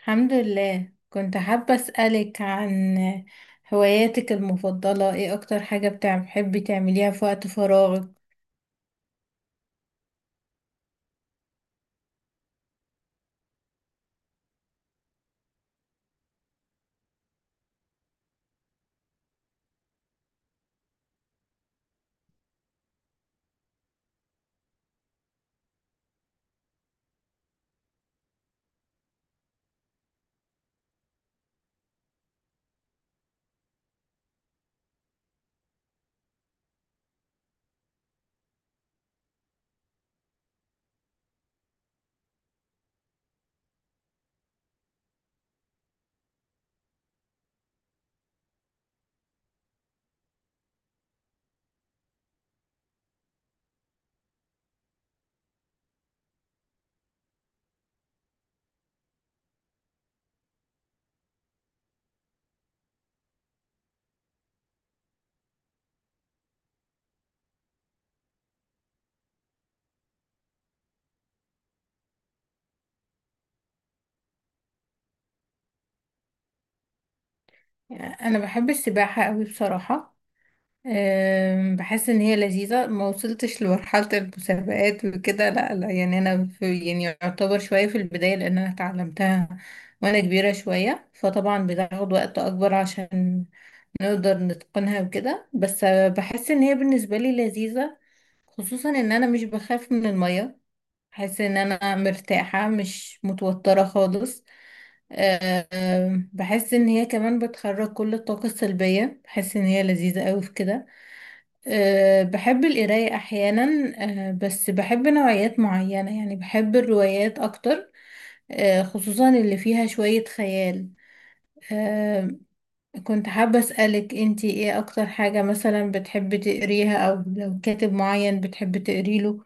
الحمد لله. كنت حابة أسألك عن هواياتك المفضلة، ايه أكتر حاجة بتحبي تعمليها في وقت فراغك؟ أنا بحب السباحة قوي بصراحة. بحس إن هي لذيذة، ما وصلتش لمرحلة المسابقات وكده، لا لا، يعني أنا في، يعني يعتبر شوية في البداية لأن أنا اتعلمتها وأنا كبيرة شوية، فطبعا بتاخد وقت أكبر عشان نقدر نتقنها وكده، بس بحس إن هي بالنسبة لي لذيذة، خصوصا ان انا مش بخاف من المية، بحس ان انا مرتاحة مش متوترة خالص. بحس ان هي كمان بتخرج كل الطاقة السلبية، بحس ان هي لذيذة قوي في كده. بحب القراية احيانا، بس بحب نوعيات معينة، يعني بحب الروايات اكتر، خصوصا اللي فيها شوية خيال. آه، كنت حابة أسألك انتي ايه اكتر حاجة مثلا بتحبي تقريها، او لو كاتب معين بتحبي تقريله؟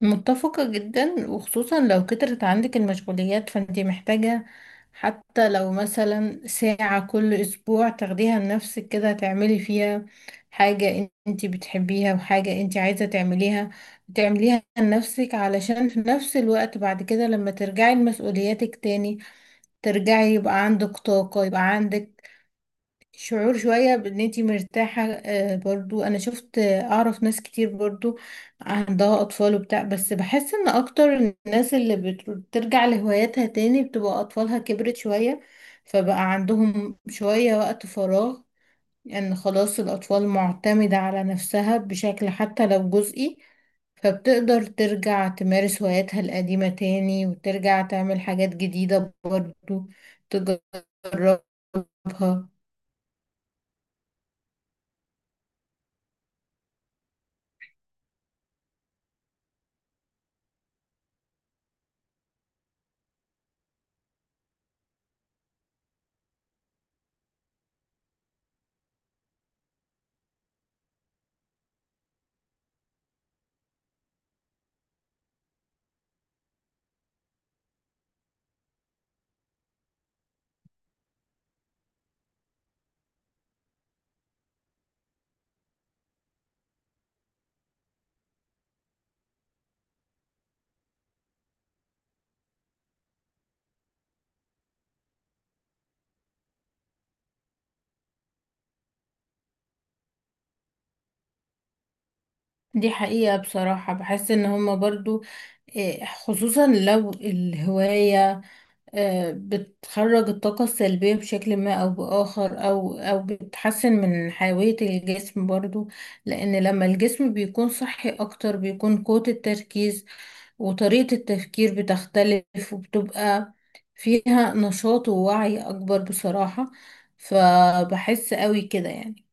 متفقة جدا، وخصوصا لو كترت عندك المشغوليات فانتي محتاجة حتى لو مثلا ساعة كل أسبوع تاخديها لنفسك كده، تعملي فيها حاجة انتي بتحبيها وحاجة انتي عايزة تعمليها، تعمليها لنفسك علشان في نفس الوقت بعد كده لما ترجعي لمسؤولياتك تاني ترجعي يبقى عندك طاقة، يبقى عندك شعور شوية بان انتي مرتاحة. برضو انا شفت، اعرف ناس كتير برضو عندها اطفال وبتاع، بس بحس ان اكتر الناس اللي بترجع لهواياتها تاني بتبقى اطفالها كبرت شوية، فبقى عندهم شوية وقت فراغ، ان يعني خلاص الاطفال معتمدة على نفسها بشكل حتى لو جزئي، فبتقدر ترجع تمارس هواياتها القديمة تاني، وترجع تعمل حاجات جديدة برضو تجربها. دي حقيقة بصراحة، بحس ان هما برضو إيه، خصوصا لو الهواية بتخرج الطاقة السلبية بشكل ما او بآخر، او بتحسن من حيوية الجسم برضو، لان لما الجسم بيكون صحي اكتر بيكون قوة التركيز وطريقة التفكير بتختلف، وبتبقى فيها نشاط ووعي اكبر بصراحة، فبحس قوي كده يعني.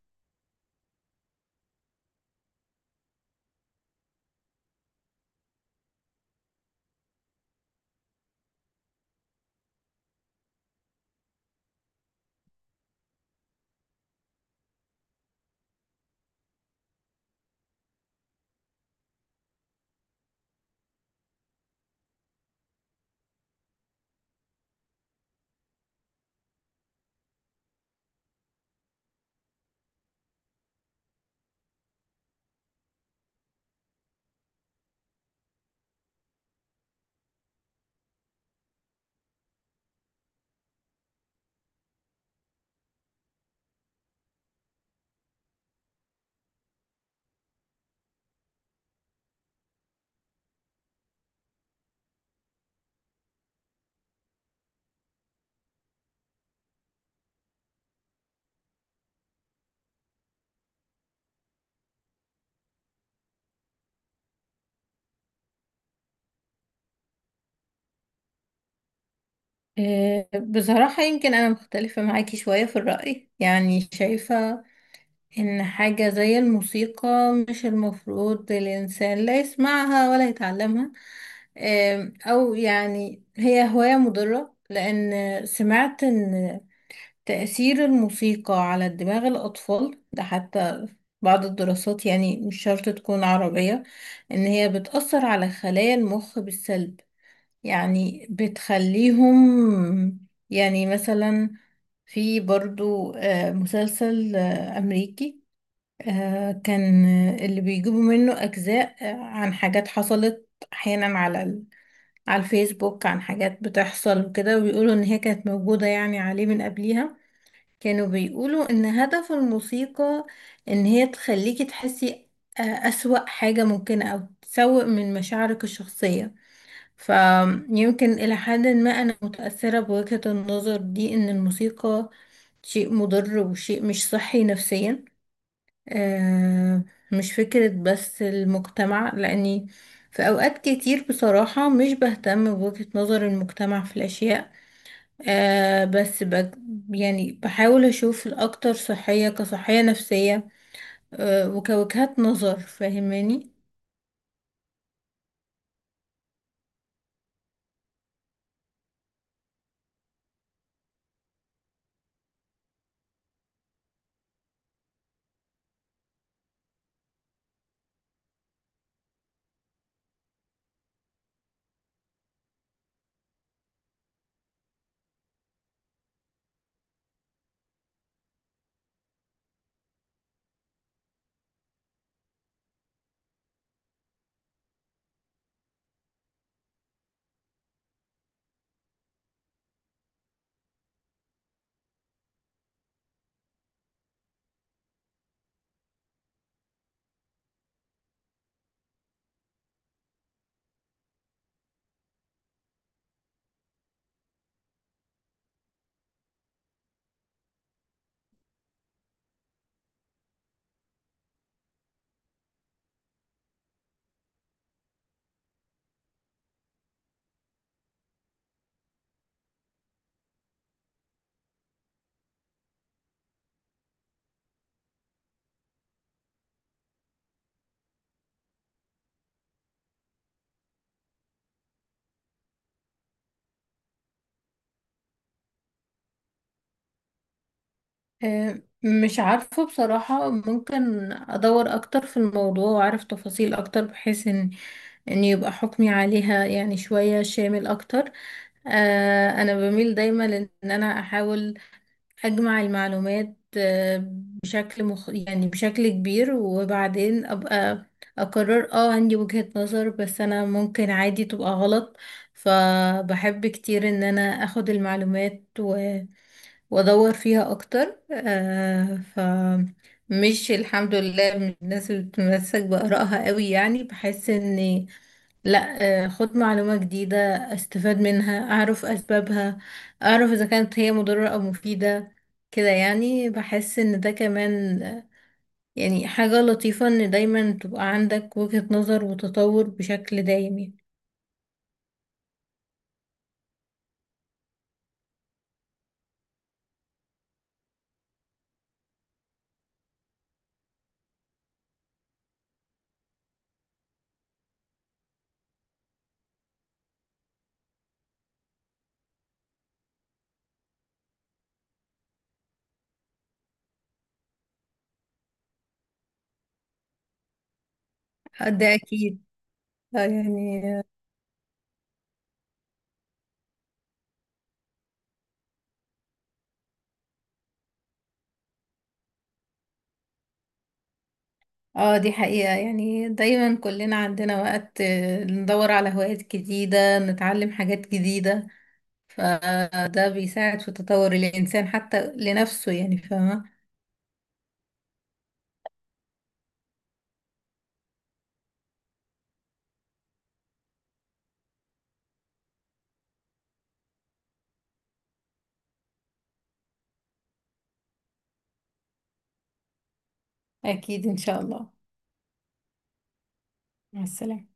بصراحة يمكن أنا مختلفة معاكي شوية في الرأي، يعني شايفة إن حاجة زي الموسيقى مش المفروض الإنسان لا يسمعها ولا يتعلمها. أو يعني هي هواية مضرة، لأن سمعت إن تأثير الموسيقى على دماغ الأطفال ده، حتى بعض الدراسات يعني مش شرط تكون عربية، إن هي بتأثر على خلايا المخ بالسلب، يعني بتخليهم، يعني مثلا في برضو مسلسل أمريكي، كان اللي بيجيبوا منه أجزاء عن حاجات حصلت أحيانا على الفيسبوك، عن حاجات بتحصل وكده، وبيقولوا إن هي كانت موجودة يعني عليه من قبليها. كانوا بيقولوا إن هدف الموسيقى إن هي تخليكي تحسي أسوأ حاجة ممكنة، أو تسوء من مشاعرك الشخصية. فيمكن إلى حد ما أنا متأثرة بوجهة النظر دي، إن الموسيقى شيء مضر وشيء مش صحي نفسيا. آه مش فكرة بس المجتمع، لأني في أوقات كتير بصراحة مش بهتم بوجهة نظر المجتمع في الأشياء، آه بس بج يعني بحاول أشوف الأكتر صحية كصحية نفسية وكوجهات نظر فاهماني. مش عارفة بصراحة، ممكن أدور أكتر في الموضوع وأعرف تفاصيل أكتر بحيث إن يبقى حكمي عليها يعني شوية شامل أكتر. أنا بميل دايما لإن أنا أحاول أجمع المعلومات، يعني بشكل كبير، وبعدين أبقى أقرر، اه عندي وجهة نظر، بس أنا ممكن عادي تبقى غلط. فبحب كتير إن أنا أخد المعلومات وادور فيها اكتر. فمش الحمد لله من الناس اللي بتتمسك بآرائها قوي، يعني بحس ان لا، خد معلومة جديدة استفاد منها، اعرف اسبابها، اعرف اذا كانت هي مضرة او مفيدة كده، يعني بحس ان ده كمان يعني حاجة لطيفة ان دايما تبقى عندك وجهة نظر وتطور بشكل دايم يعني. ده اكيد. آه، يعني اه دي حقيقة، يعني دايما كلنا عندنا وقت ندور على هوايات جديدة، نتعلم حاجات جديدة، فده بيساعد في تطور الإنسان حتى لنفسه يعني، فاهمة. أكيد إن شاء الله. مع السلامة.